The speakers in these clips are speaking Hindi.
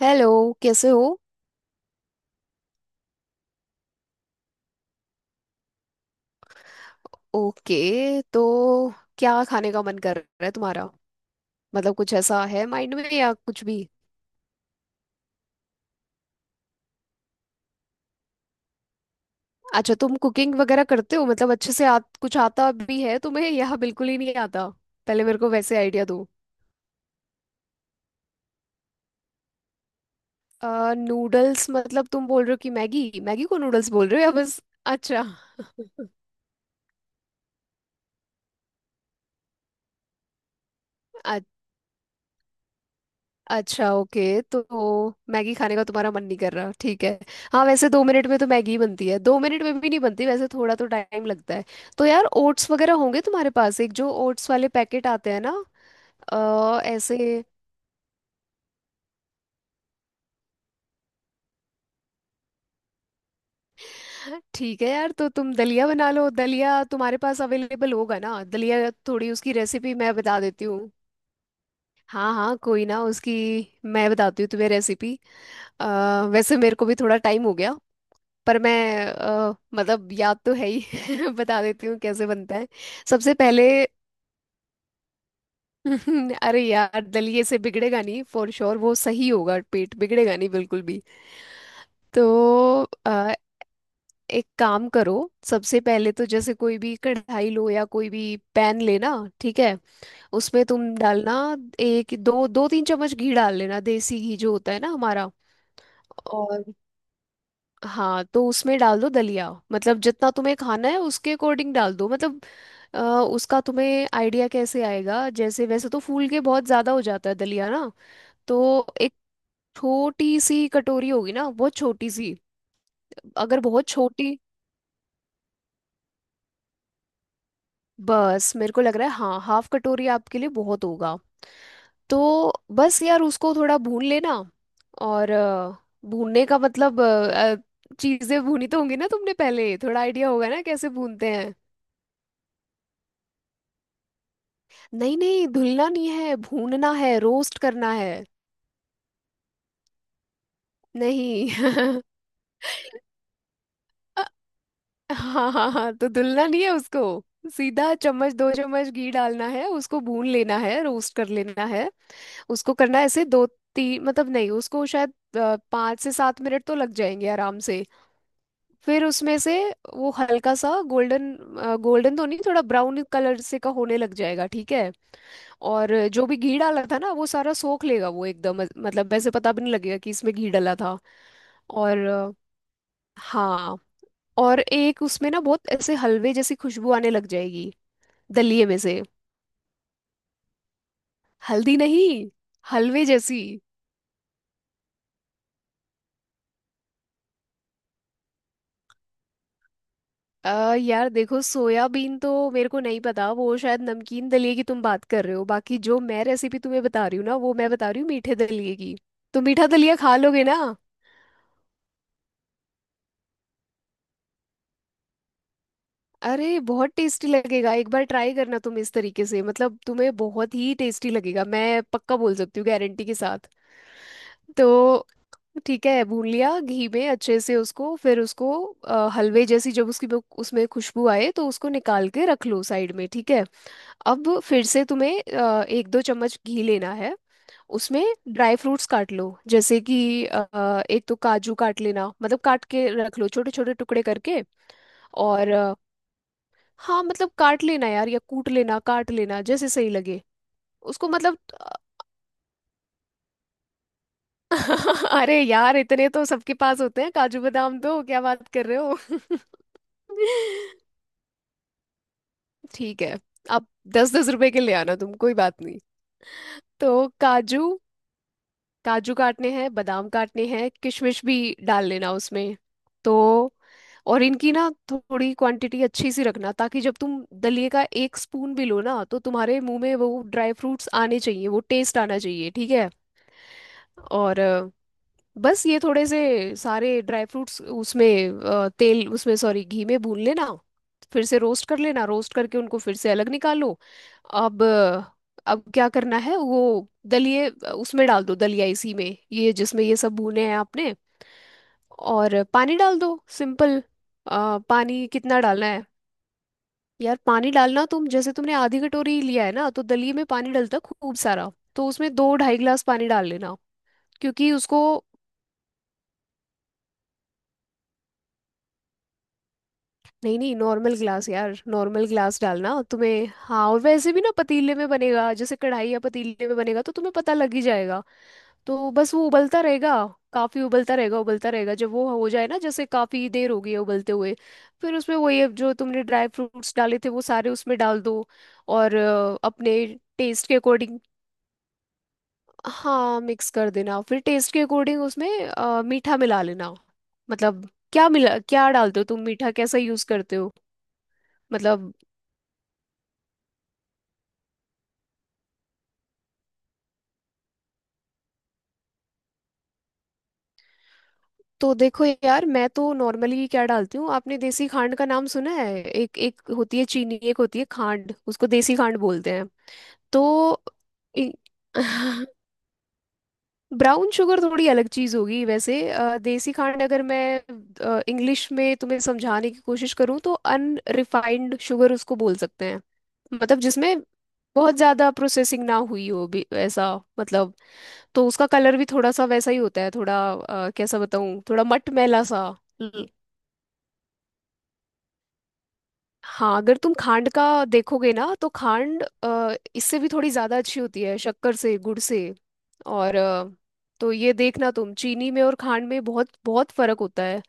हेलो। कैसे हो? ओके, तो क्या खाने का मन कर रहा है तुम्हारा? मतलब, कुछ ऐसा है माइंड में या कुछ भी? अच्छा, तुम कुकिंग वगैरह करते हो? मतलब अच्छे से कुछ आता भी है तुम्हें या बिल्कुल ही नहीं आता? पहले मेरे को वैसे आइडिया दो। नूडल्स? मतलब तुम बोल रहे हो कि मैगी, मैगी को नूडल्स बोल रहे हो या बस? अच्छा। अच्छा, ओके। तो मैगी खाने का तुम्हारा मन नहीं कर रहा, ठीक है। हाँ, वैसे 2 मिनट में तो मैगी बनती है, 2 मिनट में भी नहीं बनती वैसे, थोड़ा तो टाइम लगता है। तो यार, ओट्स वगैरह होंगे तुम्हारे पास, एक जो ओट्स वाले पैकेट आते हैं ना? ऐसे। ठीक है यार, तो तुम दलिया बना लो। दलिया तुम्हारे पास अवेलेबल होगा ना? दलिया, थोड़ी उसकी रेसिपी मैं बता देती हूँ। हाँ हाँ, कोई ना, उसकी मैं बताती हूँ तुम्हें रेसिपी। वैसे मेरे को भी थोड़ा टाइम हो गया, पर मैं मतलब याद तो है ही। बता देती हूँ कैसे बनता है। सबसे पहले अरे यार, दलिये से बिगड़ेगा नहीं, फॉर श्योर वो सही होगा, पेट बिगड़ेगा नहीं बिल्कुल भी। तो अ, एक काम करो, सबसे पहले तो जैसे कोई भी कढ़ाई लो या कोई भी पैन लेना, ठीक है? उसमें तुम डालना एक दो, दो तीन चम्मच घी डाल लेना, देसी घी जो होता है ना हमारा। और, हाँ, तो उसमें डाल दो दलिया, मतलब जितना तुम्हें खाना है उसके अकॉर्डिंग डाल दो, मतलब उसका तुम्हें आइडिया कैसे आएगा, जैसे वैसे तो फूल के बहुत ज़्यादा हो जाता है दलिया ना। तो एक छोटी सी कटोरी होगी ना, बहुत छोटी सी। अगर बहुत छोटी, बस मेरे को लग रहा है, हाँ हाफ कटोरी आपके लिए बहुत होगा। तो बस यार उसको थोड़ा भून लेना। और भूनने का मतलब, चीज़ें भूनी तो होंगी ना तुमने पहले? थोड़ा आइडिया होगा ना कैसे भूनते हैं। नहीं नहीं, धुलना नहीं है, भूनना है, रोस्ट करना है। नहीं अ- हाँ हाँ हाँ, तो धुलना नहीं है उसको, सीधा चम्मच, दो चम्मच घी डालना है, उसको भून लेना है, रोस्ट कर लेना है। उसको करना है ऐसे दो तीन, मतलब नहीं, उसको शायद 5 से 7 मिनट तो लग जाएंगे आराम से। फिर उसमें से वो हल्का सा गोल्डन, गोल्डन तो नहीं, थोड़ा ब्राउन कलर से का होने लग जाएगा, ठीक है? और जो भी घी डाला था ना, वो सारा सोख लेगा वो एकदम, मतलब वैसे पता भी नहीं लगेगा कि इसमें घी डाला था। और हाँ, और एक उसमें ना बहुत ऐसे हलवे जैसी खुशबू आने लग जाएगी दलिये में से। हल्दी नहीं, हलवे जैसी। अ यार देखो, सोयाबीन तो मेरे को नहीं पता, वो शायद नमकीन दलिए की तुम बात कर रहे हो, बाकी जो मैं रेसिपी तुम्हें बता रही हूँ ना वो मैं बता रही हूँ मीठे दलिए की। तो मीठा दलिया खा लोगे ना? अरे बहुत टेस्टी लगेगा, एक बार ट्राई करना तुम इस तरीके से, मतलब तुम्हें बहुत ही टेस्टी लगेगा, मैं पक्का बोल सकती हूँ गारंटी के साथ। तो ठीक है, भून लिया घी में अच्छे से उसको, फिर उसको हलवे जैसी जब उसकी उसमें खुशबू आए, तो उसको निकाल के रख लो साइड में, ठीक है? अब फिर से तुम्हें एक दो चम्मच घी लेना है उसमें, ड्राई फ्रूट्स काट लो, जैसे कि एक तो काजू काट लेना, मतलब काट के रख लो, छोटे छोटे टुकड़े करके। और हाँ, मतलब काट लेना यार, या कूट लेना, काट लेना जैसे सही लगे उसको, मतलब। अरे यार, इतने तो सबके पास होते हैं, काजू बादाम, तो क्या बात कर रहे हो? ठीक है। अब 10-10 रुपए के ले आना तुम, कोई बात नहीं। तो काजू काजू काटने हैं, बादाम काटने हैं, किशमिश भी डाल लेना उसमें। तो, और इनकी ना थोड़ी क्वांटिटी अच्छी सी रखना, ताकि जब तुम दलिये का एक स्पून भी लो ना, तो तुम्हारे मुंह में वो ड्राई फ्रूट्स आने चाहिए, वो टेस्ट आना चाहिए, ठीक है? और बस ये थोड़े से सारे ड्राई फ्रूट्स उसमें तेल, उसमें सॉरी घी में भून लेना, फिर से रोस्ट कर लेना, रोस्ट करके उनको फिर से अलग निकाल लो। अब अब क्या करना है, वो दलिए उसमें डाल दो दलिया इसी में, ये जिसमें ये सब भुने हैं आपने, और पानी डाल दो, सिंपल। पानी कितना डालना है? यार, पानी डालना तुम जैसे तुमने आधी कटोरी लिया है ना, तो दलिये में पानी डलता खूब सारा, तो उसमें दो ढाई गिलास पानी डाल लेना, क्योंकि उसको, नहीं नहीं, नॉर्मल ग्लास यार, नॉर्मल ग्लास डालना तुम्हें। हाँ, और वैसे भी ना पतीले में बनेगा, जैसे कढ़ाई या पतीले में बनेगा तो तुम्हें पता लग ही जाएगा। तो बस वो उबलता रहेगा, काफी उबलता रहेगा, उबलता रहेगा। जब वो हो जाए ना, जैसे काफी देर हो गई है उबलते हुए, फिर उसमें वही अब जो तुमने ड्राई फ्रूट्स डाले थे वो सारे उसमें डाल दो। और अपने टेस्ट के अकॉर्डिंग, हाँ मिक्स कर देना, फिर टेस्ट के अकॉर्डिंग उसमें मीठा मिला लेना, मतलब क्या मिला, क्या डालते हो तुम मीठा, कैसा यूज करते हो मतलब? तो देखो यार, मैं तो नॉर्मली क्या डालती हूँ, आपने देसी खांड का नाम सुना है? एक, एक होती है चीनी, एक होती है खांड, उसको देसी खांड बोलते हैं। तो, ब्राउन शुगर थोड़ी अलग चीज़ होगी वैसे, देसी खांड अगर मैं इंग्लिश में तुम्हें समझाने की कोशिश करूँ, तो अनरिफाइंड शुगर उसको बोल सकते हैं, मतलब जिसमें बहुत ज़्यादा प्रोसेसिंग ना हुई हो भी ऐसा मतलब। तो उसका कलर भी थोड़ा सा वैसा ही होता है, थोड़ा कैसा बताऊँ, थोड़ा मटमैला सा। हाँ अगर तुम खांड का देखोगे ना, तो खांड इससे भी थोड़ी ज्यादा अच्छी होती है शक्कर से, गुड़ से। और तो ये देखना, तुम चीनी में और खांड में बहुत बहुत फर्क होता है।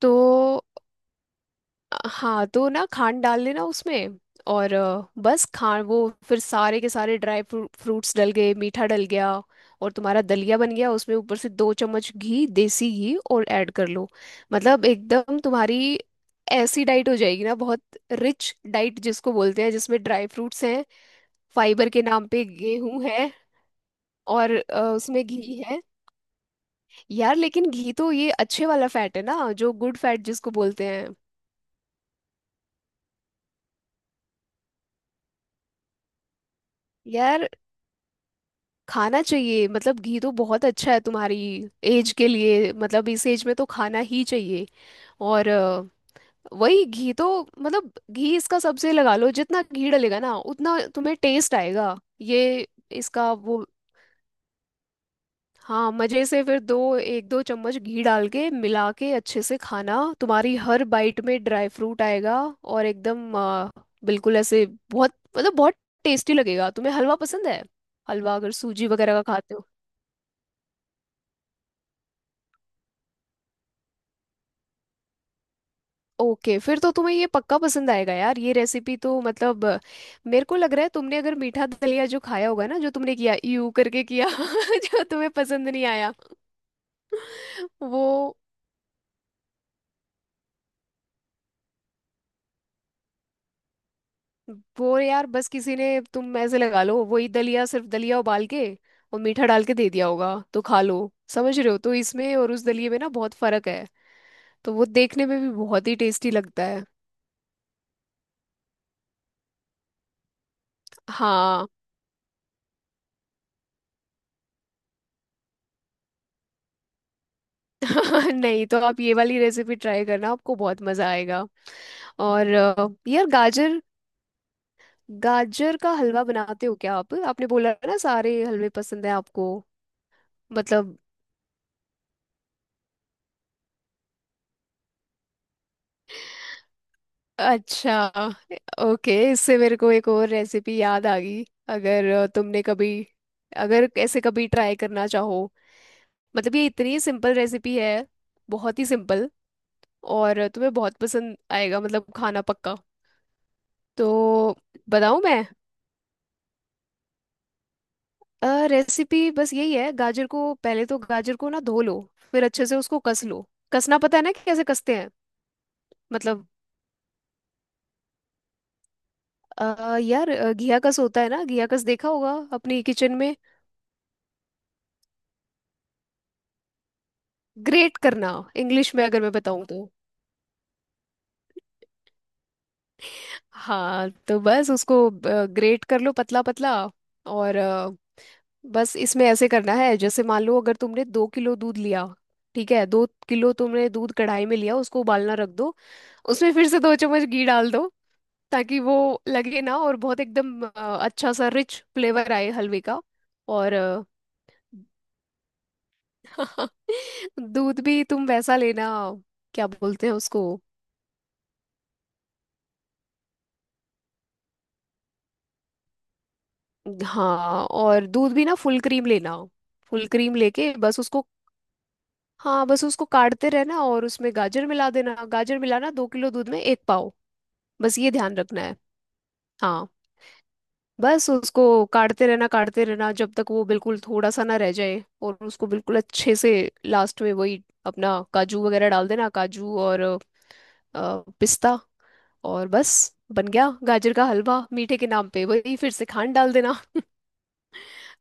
तो हाँ, तो ना खांड डाल देना उसमें। और बस खान, वो फिर सारे के सारे ड्राई फ्रूट्स डल गए, मीठा डल गया, और तुम्हारा दलिया बन गया। उसमें ऊपर से दो चम्मच घी, देसी घी, और ऐड कर लो। मतलब एकदम तुम्हारी ऐसी डाइट हो जाएगी ना, बहुत रिच डाइट जिसको बोलते हैं, जिसमें ड्राई फ्रूट्स हैं, फाइबर के नाम पे गेहूं है, और उसमें घी है। यार लेकिन घी तो ये अच्छे वाला फैट है ना, जो गुड फैट जिसको बोलते हैं। यार खाना चाहिए, मतलब घी तो बहुत अच्छा है तुम्हारी एज के लिए, मतलब इस एज में तो खाना ही चाहिए। और वही घी तो, मतलब घी इसका सबसे लगा लो, जितना घी डलेगा ना उतना तुम्हें टेस्ट आएगा, ये इसका वो। हाँ, मजे से फिर दो, एक दो चम्मच घी डाल के मिला के अच्छे से खाना, तुम्हारी हर बाइट में ड्राई फ्रूट आएगा, और एकदम बिल्कुल ऐसे, बहुत मतलब बहुत टेस्टी लगेगा। तुम्हें हलवा पसंद है? हलवा अगर सूजी वगैरह का खाते हो? ओके फिर तो तुम्हें ये पक्का पसंद आएगा यार, ये रेसिपी तो, मतलब मेरे को लग रहा है, तुमने अगर मीठा दलिया जो खाया होगा ना, जो तुमने किया, यू करके किया जो तुम्हें पसंद नहीं आया। वो वो यार, बस किसी ने, तुम ऐसे लगा लो, वही दलिया, सिर्फ दलिया उबाल के और मीठा डाल के दे दिया होगा तो खा लो, समझ रहे हो? तो इसमें और उस दलिये में ना बहुत फर्क है। तो वो देखने में भी बहुत ही टेस्टी लगता है। हाँ। नहीं तो आप ये वाली रेसिपी ट्राई करना, आपको बहुत मजा आएगा। और यार गाजर, गाजर का हलवा बनाते हो क्या आप? आपने बोला ना सारे हलवे पसंद है आपको, मतलब। अच्छा, ओके, इससे मेरे को एक और रेसिपी याद आ गई। अगर तुमने कभी, अगर ऐसे कभी ट्राई करना चाहो, मतलब ये इतनी सिंपल रेसिपी है, बहुत ही सिंपल, और तुम्हें बहुत पसंद आएगा मतलब खाना, पक्का। तो बताऊं मैं रेसिपी? बस यही है, गाजर को पहले, तो गाजर को ना धो लो, फिर अच्छे से उसको कस लो। कसना पता है ना कि कैसे कसते हैं? मतलब यार घिया कस होता है ना, घिया कस देखा होगा अपनी किचन में? ग्रेट करना, इंग्लिश में अगर मैं बताऊं तो। हाँ, तो बस उसको ग्रेट कर लो पतला पतला, और बस इसमें ऐसे करना है। जैसे मान लो, अगर तुमने 2 किलो दूध लिया, ठीक है, 2 किलो तुमने दूध कढ़ाई में लिया, उसको उबालना रख दो। उसमें फिर से दो चम्मच घी डाल दो, ताकि वो लगे ना, और बहुत एकदम अच्छा सा रिच फ्लेवर आए हलवे का, और दूध भी तुम वैसा लेना, क्या बोलते हैं उसको। हाँ, और दूध भी ना फुल क्रीम लेना, फुल क्रीम लेके बस उसको, हाँ, बस उसको काटते रहना, और उसमें गाजर मिला देना, गाजर मिलाना 2 किलो दूध में एक पाव, बस ये ध्यान रखना है। हाँ, बस उसको काटते रहना, काटते रहना जब तक वो बिल्कुल थोड़ा सा ना रह जाए, और उसको बिल्कुल अच्छे से, लास्ट में वही अपना काजू वगैरह डाल देना, काजू और पिस्ता, और बस बन गया गाजर का हलवा। मीठे के नाम पे वही फिर से खांड डाल देना।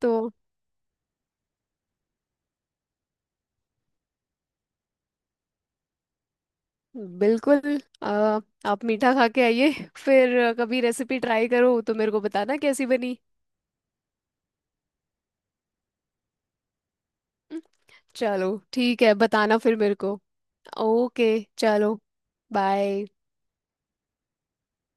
तो बिल्कुल आप मीठा खा के आइए, फिर कभी रेसिपी ट्राई करो तो मेरे को बताना कैसी बनी। चलो ठीक है, बताना फिर मेरे को, ओके चलो, बाय।